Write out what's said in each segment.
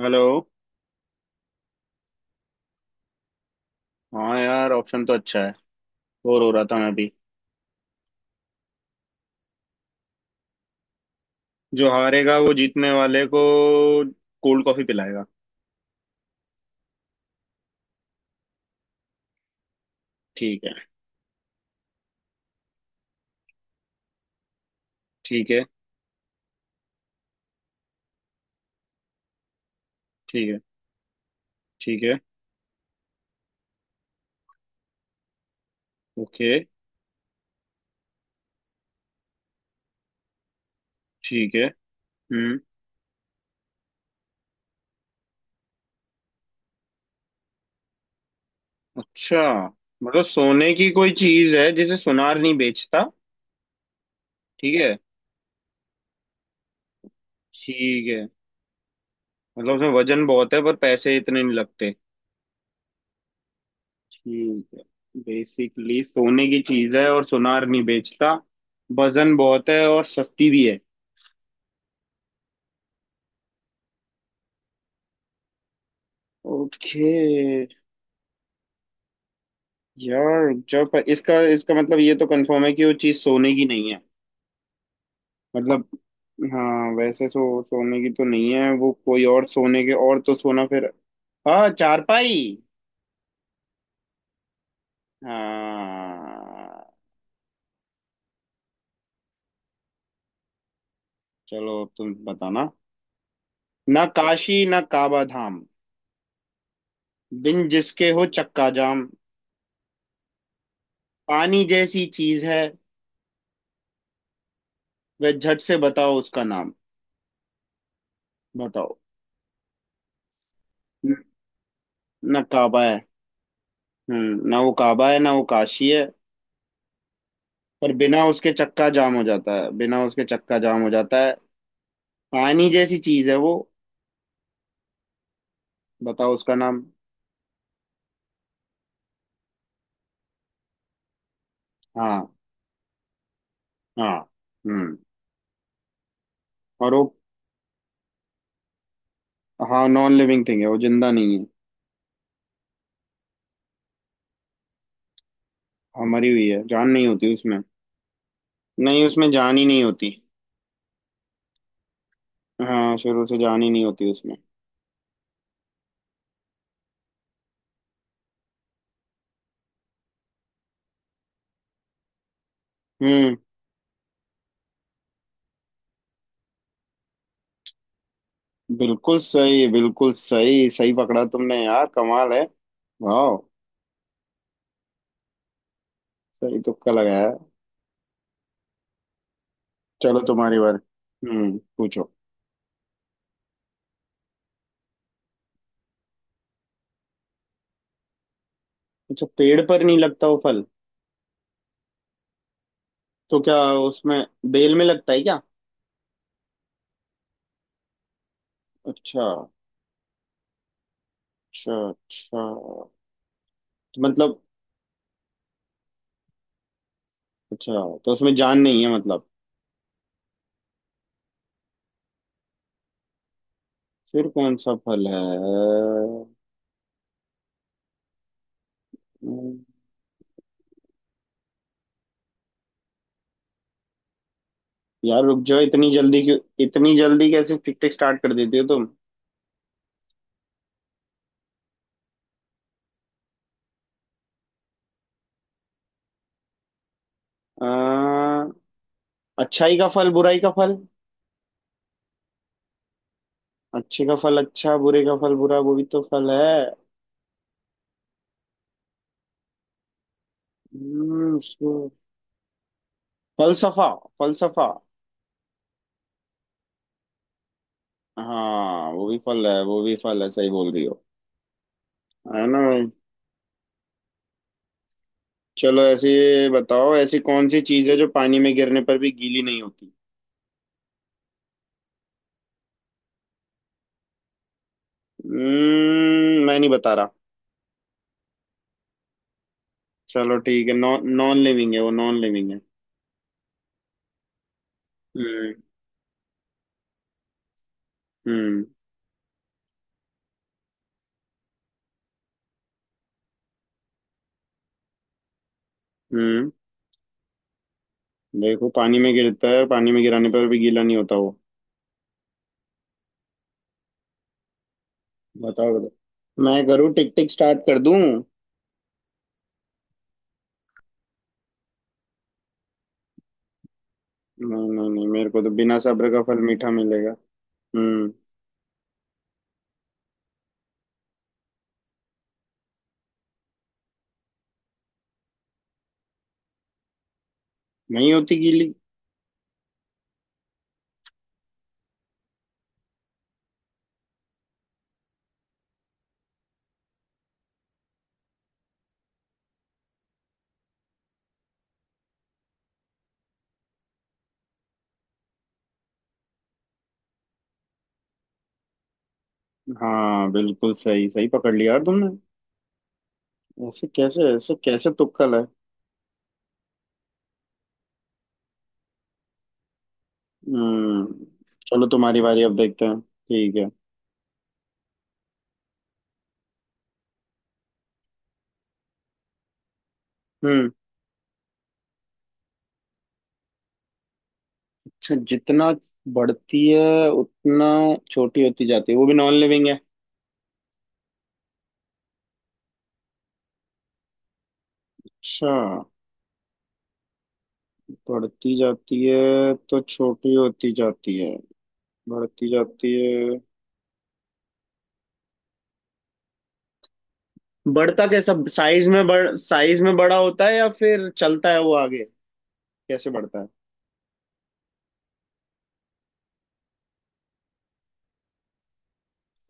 Hello. हाँ यार option तो अच्छा है। बोर हो रहा था मैं भी। जो हारेगा वो जीतने वाले को कोल्ड कॉफी पिलाएगा। ठीक है। ठीक है। ठीक है। ठीक है। ओके। ठीक है। हम्म। अच्छा। मतलब सोने की कोई चीज है जिसे सुनार नहीं बेचता। ठीक है। ठीक है। मतलब उसमें वजन बहुत है पर पैसे इतने नहीं लगते। ठीक है। बेसिकली सोने की चीज है और सुनार नहीं बेचता। वजन बहुत है और सस्ती भी है। ओके। यार जब इसका इसका मतलब ये तो कंफर्म है कि वो चीज सोने की नहीं है। मतलब। हाँ वैसे सोने की तो नहीं है वो कोई और सोने के और तो सोना फिर। हाँ चारपाई। हाँ। चलो अब तुम बताना। ना काशी ना काबा धाम, बिन जिसके हो चक्का जाम। पानी जैसी चीज है वह, झट से बताओ उसका नाम। बताओ। न- ना काबा है। ना वो काबा है ना वो काशी है। पर बिना उसके चक्का जाम हो जाता है, बिना उसके चक्का जाम हो जाता है। पानी जैसी चीज है वो। बताओ उसका नाम। हाँ। हाँ। हम्म। और वो। हाँ नॉन लिविंग थिंग है वो जिंदा नहीं है। हाँ, मरी हुई है जान नहीं होती उसमें। नहीं उसमें जान ही नहीं होती। हाँ शुरू से जान ही नहीं होती उसमें। हम्म। बिल्कुल सही सही पकड़ा तुमने यार कमाल है। वाह। सही तुक्का लगाया है। चलो तुम्हारी बार पूछो। अच्छा पेड़ पर नहीं लगता वो फल। तो क्या? उसमें बेल में लगता है क्या? अच्छा। अच्छा। अच्छा, तो मतलब अच्छा तो उसमें जान नहीं है मतलब। फिर कौन सा फल है। यार रुक जाओ इतनी जल्दी क्यों। इतनी जल्दी कैसे टिक टिक स्टार्ट कर देती हो तुम। अह, अच्छाई का फल बुराई का फल। अच्छे का फल अच्छा बुरे का फल बुरा वो भी तो फल है। हम्म, उसको- फलसफा। फलसफा। हाँ वो भी फल है वो भी फल है सही बोल रही हो। है ना? चलो ऐसे ये बताओ ऐसी कौन सी चीज है जो पानी में गिरने पर भी गीली नहीं होती। मैं नहीं बता रहा। चलो ठीक है नॉन नॉन लिविंग है वो नॉन लिविंग है। हम्म। हम्म। हम्म। देखो पानी में गिरता है पानी में गिराने पर भी गीला नहीं होता वो। बताओ बताओ मैं करूँ टिक टिक स्टार्ट कर दूं। नहीं नहीं नहीं मेरे को तो बिना सब्र का फल मीठा मिलेगा। हम्म। नहीं होती गीली। हाँ बिल्कुल सही सही पकड़ लिया यार तुमने। ऐसे कैसे तुक्कल है। हम्म चलो तुम्हारी बारी अब देखते हैं ठीक है। हम्म। अच्छा जितना बढ़ती है उतना छोटी होती जाती है वो भी नॉन लिविंग है। अच्छा बढ़ती जाती है तो छोटी होती जाती है। बढ़ती जाती है। बढ़ता कैसा साइज में बढ़ साइज में बड़ा होता है या फिर चलता है वो आगे। कैसे बढ़ता है।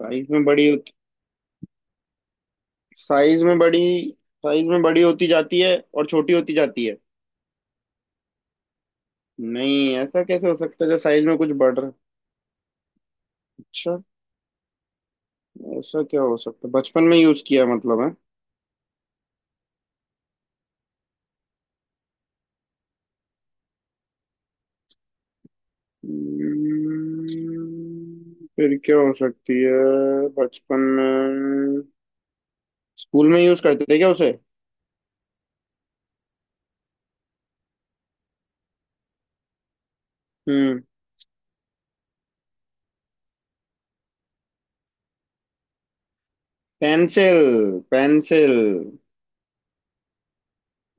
साइज में बड़ी होती। साइज में बड़ी। साइज में बड़ी होती जाती है और छोटी होती जाती है। नहीं ऐसा कैसे हो सकता है जो साइज में कुछ बढ़ रहा है। अच्छा। ऐसा क्या हो सकता है बचपन में यूज किया मतलब है। हम्म, फिर क्या हो सकती है। बचपन में स्कूल में यूज करते थे क्या उसे? हम्म। पेंसिल। पेंसिल।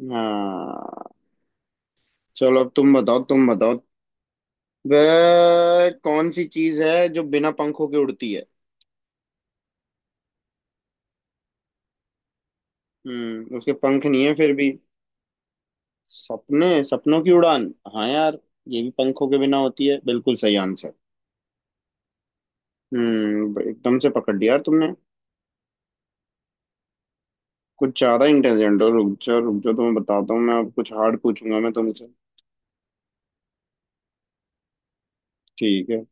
हाँ। चलो अब तुम बताओ तुम बताओ। वह कौन सी चीज है जो बिना पंखों के उड़ती है? उसके पंख नहीं है फिर भी। सपने सपनों की उड़ान। हाँ यार। ये भी पंखों के बिना होती है बिल्कुल सही आंसर। एकदम से पकड़ लिया यार तुमने। कुछ ज्यादा इंटेलिजेंट हो रुक जाओ तुम्हें बताता हूँ मैं अब कुछ हार्ड पूछूंगा मैं तुमसे। ठीक है।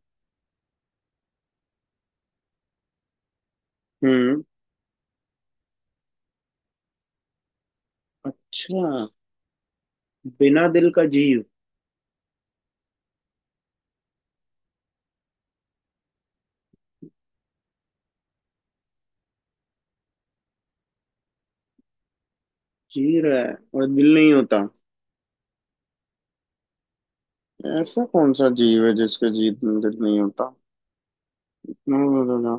हम्म। अच्छा बिना दिल का जीव। जी रहा है और दिल नहीं होता। ऐसा कौन सा जीव है जिसके दिल नहीं होता। हम्म,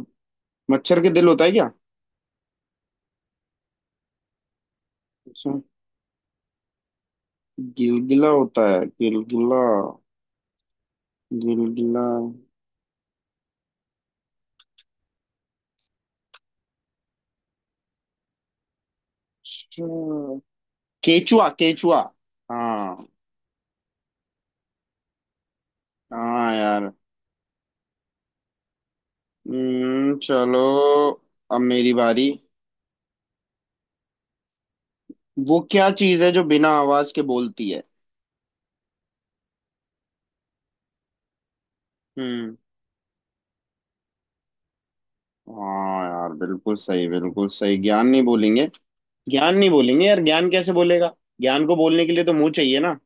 मच्छर के दिल होता है क्या? अच्छा। गिलगिला होता है गिलगिला। गिलगिला। अच्छा, केचुआ। केचुआ। हाँ। हाँ यार। चलो। अब मेरी बारी। वो क्या चीज है जो बिना आवाज के बोलती है? हम्म। हाँ यार बिल्कुल सही ज्ञान नहीं बोलेंगे। ज्ञान नहीं बोलेंगे यार ज्ञान कैसे बोलेगा। ज्ञान को बोलने के लिए तो मुंह चाहिए ना।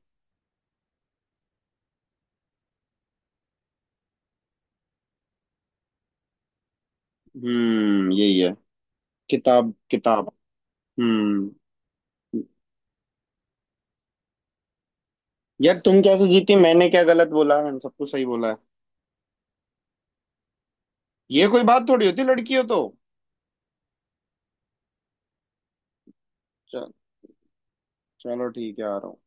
यही है। किताब। किताब। हम्म। यार तुम कैसे जीती मैंने क्या गलत बोला मैंने सब कुछ सही बोला है। ये कोई बात थोड़ी होती लड़की हो तो। चल। चलो ठीक है आ रहा हूँ।